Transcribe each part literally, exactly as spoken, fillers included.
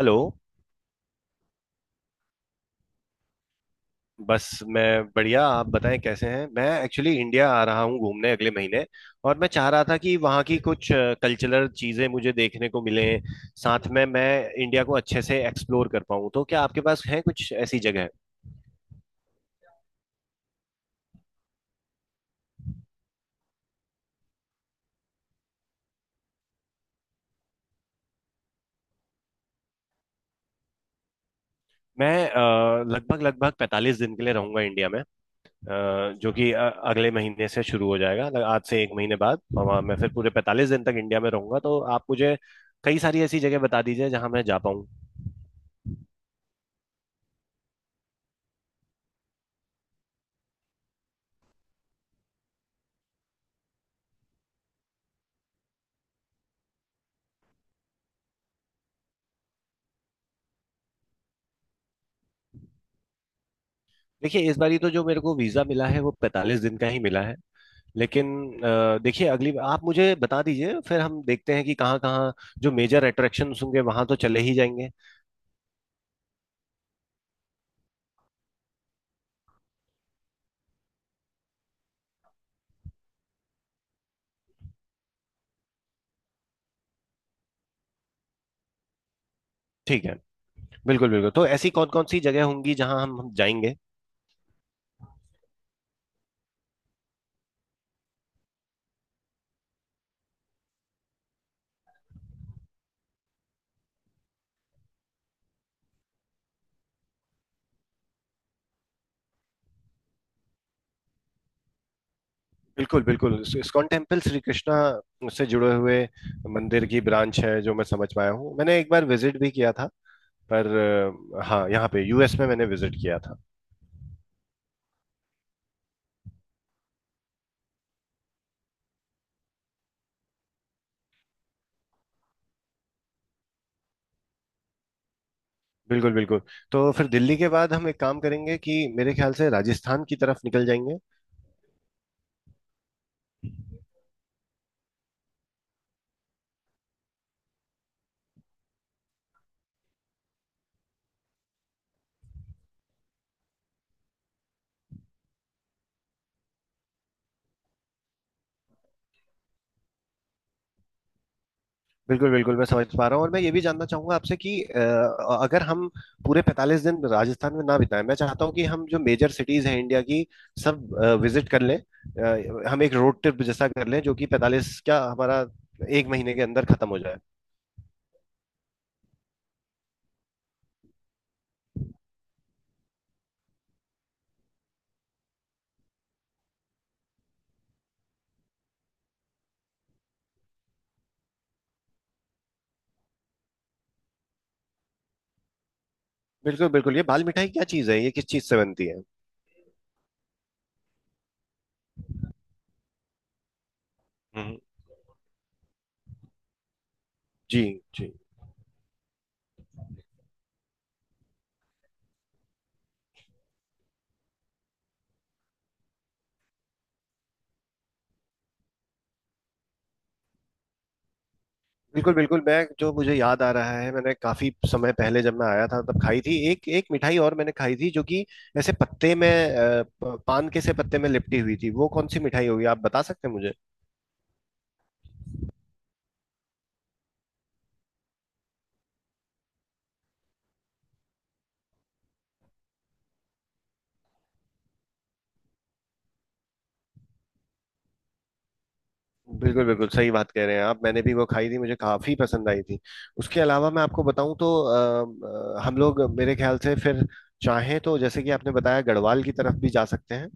Hello. बस मैं बढ़िया, आप बताएं कैसे हैं। मैं एक्चुअली इंडिया आ रहा हूँ घूमने अगले महीने। और मैं चाह रहा था कि वहाँ की कुछ कल्चरल चीज़ें मुझे देखने को मिलें, साथ में मैं इंडिया को अच्छे से एक्सप्लोर कर पाऊँ। तो क्या आपके पास है कुछ ऐसी जगह। मैं अ, लगभग लगभग पैंतालीस दिन के लिए रहूंगा इंडिया में। अ, जो कि अ, अगले महीने से शुरू हो जाएगा, लग- आज से एक महीने बाद। और वहाँ मैं फिर पूरे पैंतालीस दिन तक इंडिया में रहूंगा। तो आप मुझे कई सारी ऐसी जगह बता दीजिए जहाँ मैं जा पाऊँ। देखिए इस बारी तो जो मेरे को वीजा मिला है वो पैंतालीस दिन का ही मिला है। लेकिन अ, देखिए, अगली आप मुझे बता दीजिए, फिर हम देखते हैं कि कहाँ कहाँ जो मेजर अट्रैक्शन होंगे वहां तो चले ही जाएंगे। ठीक है। बिल्कुल बिल्कुल। तो ऐसी कौन कौन सी जगह होंगी जहाँ हम, हम जाएंगे। बिल्कुल बिल्कुल। इस्कॉन टेम्पल श्री कृष्णा से जुड़े हुए मंदिर की ब्रांच है, जो मैं समझ पाया हूँ। मैंने एक बार विजिट भी किया था, पर अ, हाँ, यहाँ पे यूएस में मैंने विजिट किया था। बिल्कुल बिल्कुल। तो फिर दिल्ली के बाद हम एक काम करेंगे कि मेरे ख्याल से राजस्थान की तरफ निकल जाएंगे। बिल्कुल बिल्कुल, मैं समझ पा रहा हूँ। और मैं ये भी जानना चाहूंगा आपसे कि अ, अगर हम पूरे पैंतालीस दिन राजस्थान में ना बिताएं। मैं चाहता हूँ कि हम जो मेजर सिटीज हैं इंडिया की सब विजिट कर लें। अ, हम एक रोड ट्रिप जैसा कर लें जो कि पैंतालीस, क्या हमारा एक महीने के अंदर खत्म हो जाए। बिल्कुल बिल्कुल। ये बाल मिठाई क्या चीज़ है, ये किस चीज़ से बनती है? हम्म। जी। जी। बिल्कुल बिल्कुल। मैं, जो मुझे याद आ रहा है, मैंने काफी समय पहले जब मैं आया था तब खाई थी एक एक मिठाई। और मैंने खाई थी जो कि ऐसे पत्ते में, अ, प- पान के से पत्ते में लिपटी हुई थी। वो कौन सी मिठाई होगी, आप बता सकते हैं मुझे? बिल्कुल बिल्कुल, सही बात कह रहे हैं आप। मैंने भी वो खाई थी, मुझे काफी पसंद आई थी। उसके अलावा मैं आपको बताऊं, तो अ, अ, हम लोग मेरे ख्याल से फिर चाहें तो, जैसे कि आपने बताया, गढ़वाल की तरफ भी जा सकते हैं।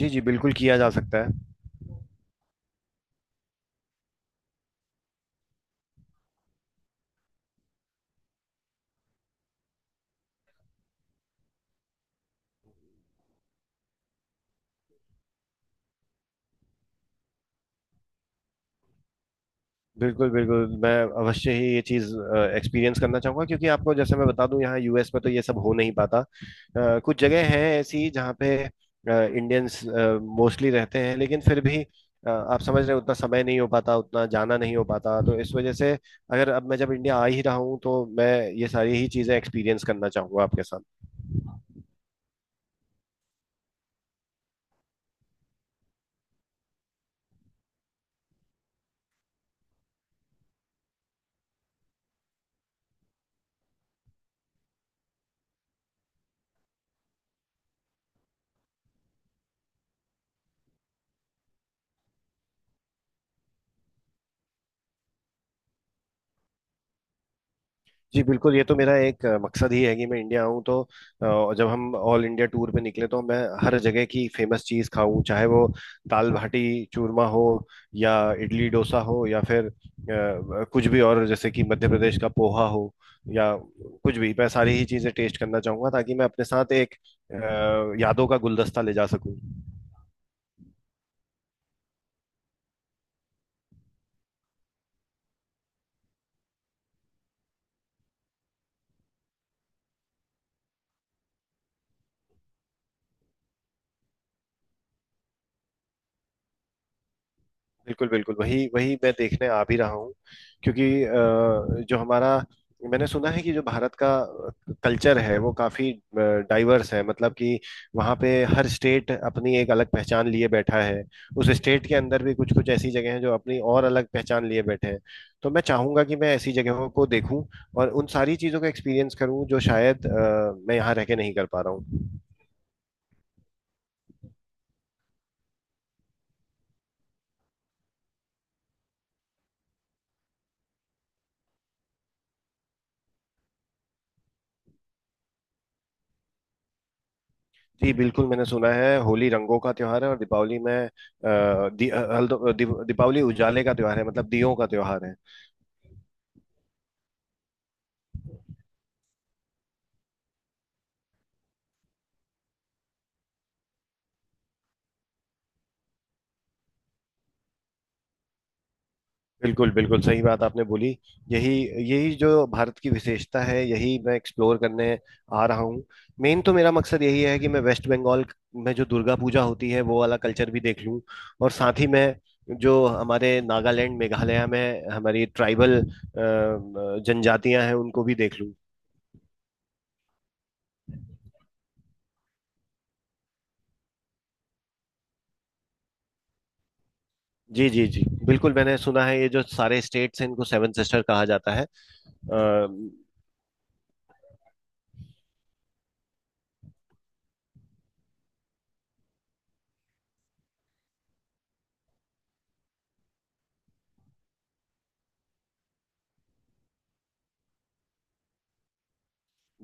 जी जी, बिल्कुल किया जा सकता है। बिल्कुल, बिल्कुल, मैं अवश्य ही ये चीज़ अ, एक्सपीरियंस करना चाहूँगा। क्योंकि आपको जैसे मैं बता दूँ, यहाँ यूएस में तो ये सब हो नहीं पाता। अ, कुछ जगह हैं ऐसी जहाँ पे इंडियंस मोस्टली रहते हैं, लेकिन फिर भी अ, आप समझ रहे हैं, उतना समय नहीं हो पाता, उतना जाना नहीं हो पाता। तो इस वजह से अगर अब मैं जब इंडिया आ ही रहा हूँ, तो मैं ये सारी ही चीज़ें एक्सपीरियंस करना चाहूँगा आपके साथ। जी बिल्कुल, ये तो मेरा एक अ, मकसद ही है कि मैं इंडिया आऊँ तो, अ, जब हम ऑल इंडिया टूर पे निकले, तो मैं हर जगह की फेमस चीज़ खाऊं, चाहे वो दाल बाटी चूरमा हो, या इडली डोसा हो, या फिर अ, कुछ भी, और जैसे कि मध्य प्रदेश का पोहा हो, या कुछ भी। मैं सारी ही चीज़ें टेस्ट करना चाहूंगा ताकि मैं अपने साथ एक अ, यादों का गुलदस्ता ले जा सकूं। बिल्कुल बिल्कुल, वही वही मैं देखने आ भी रहा हूँ। क्योंकि अ, जो हमारा मैंने सुना है कि जो भारत का कल्चर है वो काफी डाइवर्स है, मतलब कि वहाँ पे हर स्टेट अपनी एक अलग पहचान लिए बैठा है। उस स्टेट के अंदर भी कुछ कुछ ऐसी जगह हैं जो अपनी और अलग पहचान लिए बैठे हैं। तो मैं चाहूंगा कि मैं ऐसी जगहों को देखूं, और उन सारी चीजों का एक्सपीरियंस करूं जो शायद अ, मैं यहाँ रह के नहीं कर पा रहा हूँ। जी बिल्कुल, मैंने सुना है होली रंगों का त्योहार है। और दीपावली में अ, दी, अ, हल्दो- दीप- दीपावली उजाले का त्योहार है, मतलब दियों का त्योहार है। बिल्कुल बिल्कुल, सही बात आपने बोली। यही यही जो भारत की विशेषता है, यही मैं एक्सप्लोर करने आ रहा हूँ। मेन तो मेरा मकसद यही है कि मैं वेस्ट बंगाल में जो दुर्गा पूजा होती है वो वाला कल्चर भी देख लूँ। और साथ ही मैं जो हमारे नागालैंड मेघालय में हमारी ट्राइबल जनजातियां हैं उनको भी देख लूँ। जी जी जी बिल्कुल, मैंने सुना है ये जो सारे स्टेट्स हैं इनको सेवन सिस्टर कहा जाता है। अ,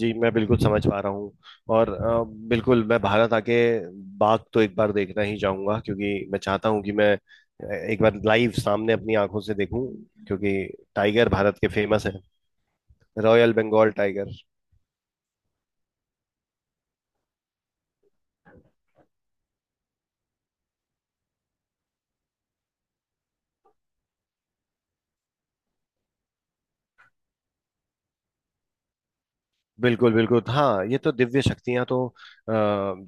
जी, मैं बिल्कुल समझ पा रहा हूँ। और अ, बिल्कुल, मैं भारत आके बाघ तो एक बार देखना ही चाहूंगा, क्योंकि मैं चाहता हूँ कि मैं एक बार लाइव सामने अपनी आंखों से देखूं। क्योंकि टाइगर भारत के फेमस है, रॉयल बंगाल टाइगर। बिल्कुल बिल्कुल, हाँ ये तो दिव्य शक्तियां तो अ,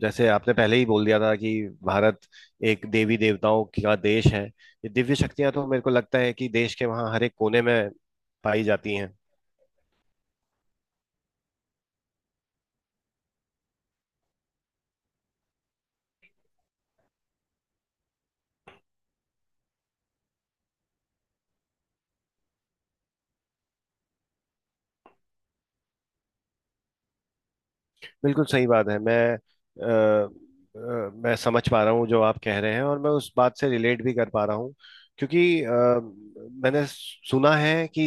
जैसे आपने पहले ही बोल दिया था कि भारत एक देवी देवताओं का देश है। ये दिव्य शक्तियां तो मेरे को लगता है कि देश के वहाँ हर एक कोने में पाई जाती हैं। बिल्कुल सही बात है। मैं अ, अ, मैं समझ पा रहा हूँ जो आप कह रहे हैं, और मैं उस बात से रिलेट भी कर पा रहा हूँ। क्योंकि अ, मैंने सुना है कि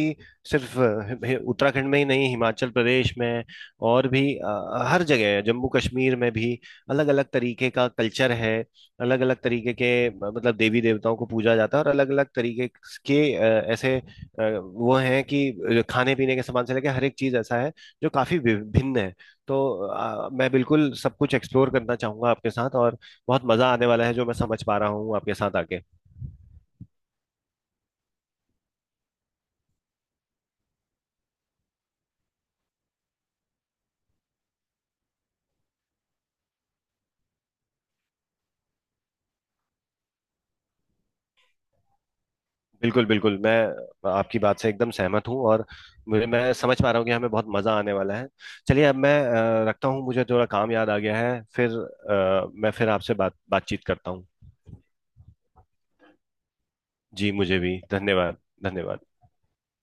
सिर्फ अ, हि- उत्तराखंड में ही नहीं, हिमाचल प्रदेश में और भी, अ, हर जगह, जम्मू कश्मीर में भी अलग अलग तरीके का कल्चर है, अलग अलग तरीके के, मतलब देवी देवताओं को पूजा जाता है। और अलग अलग तरीके के अ, ऐसे अ, वो हैं कि खाने पीने के सामान से लेकर हर एक चीज ऐसा है जो काफी विभिन्न है। तो आ, मैं बिल्कुल सब कुछ एक्सप्लोर करना चाहूंगा आपके साथ, और बहुत मजा आने वाला है, जो मैं समझ पा रहा हूँ आपके साथ आके। बिल्कुल बिल्कुल, मैं आपकी बात से एकदम सहमत हूँ। और मुझे मैं समझ पा रहा हूँ कि हमें बहुत मजा आने वाला है। चलिए, अब मैं अ, रखता हूँ, मुझे थोड़ा काम याद आ गया है। फिर अ, मैं फिर आपसे बात बातचीत करता हूँ। जी, मुझे भी धन्यवाद। धन्यवाद।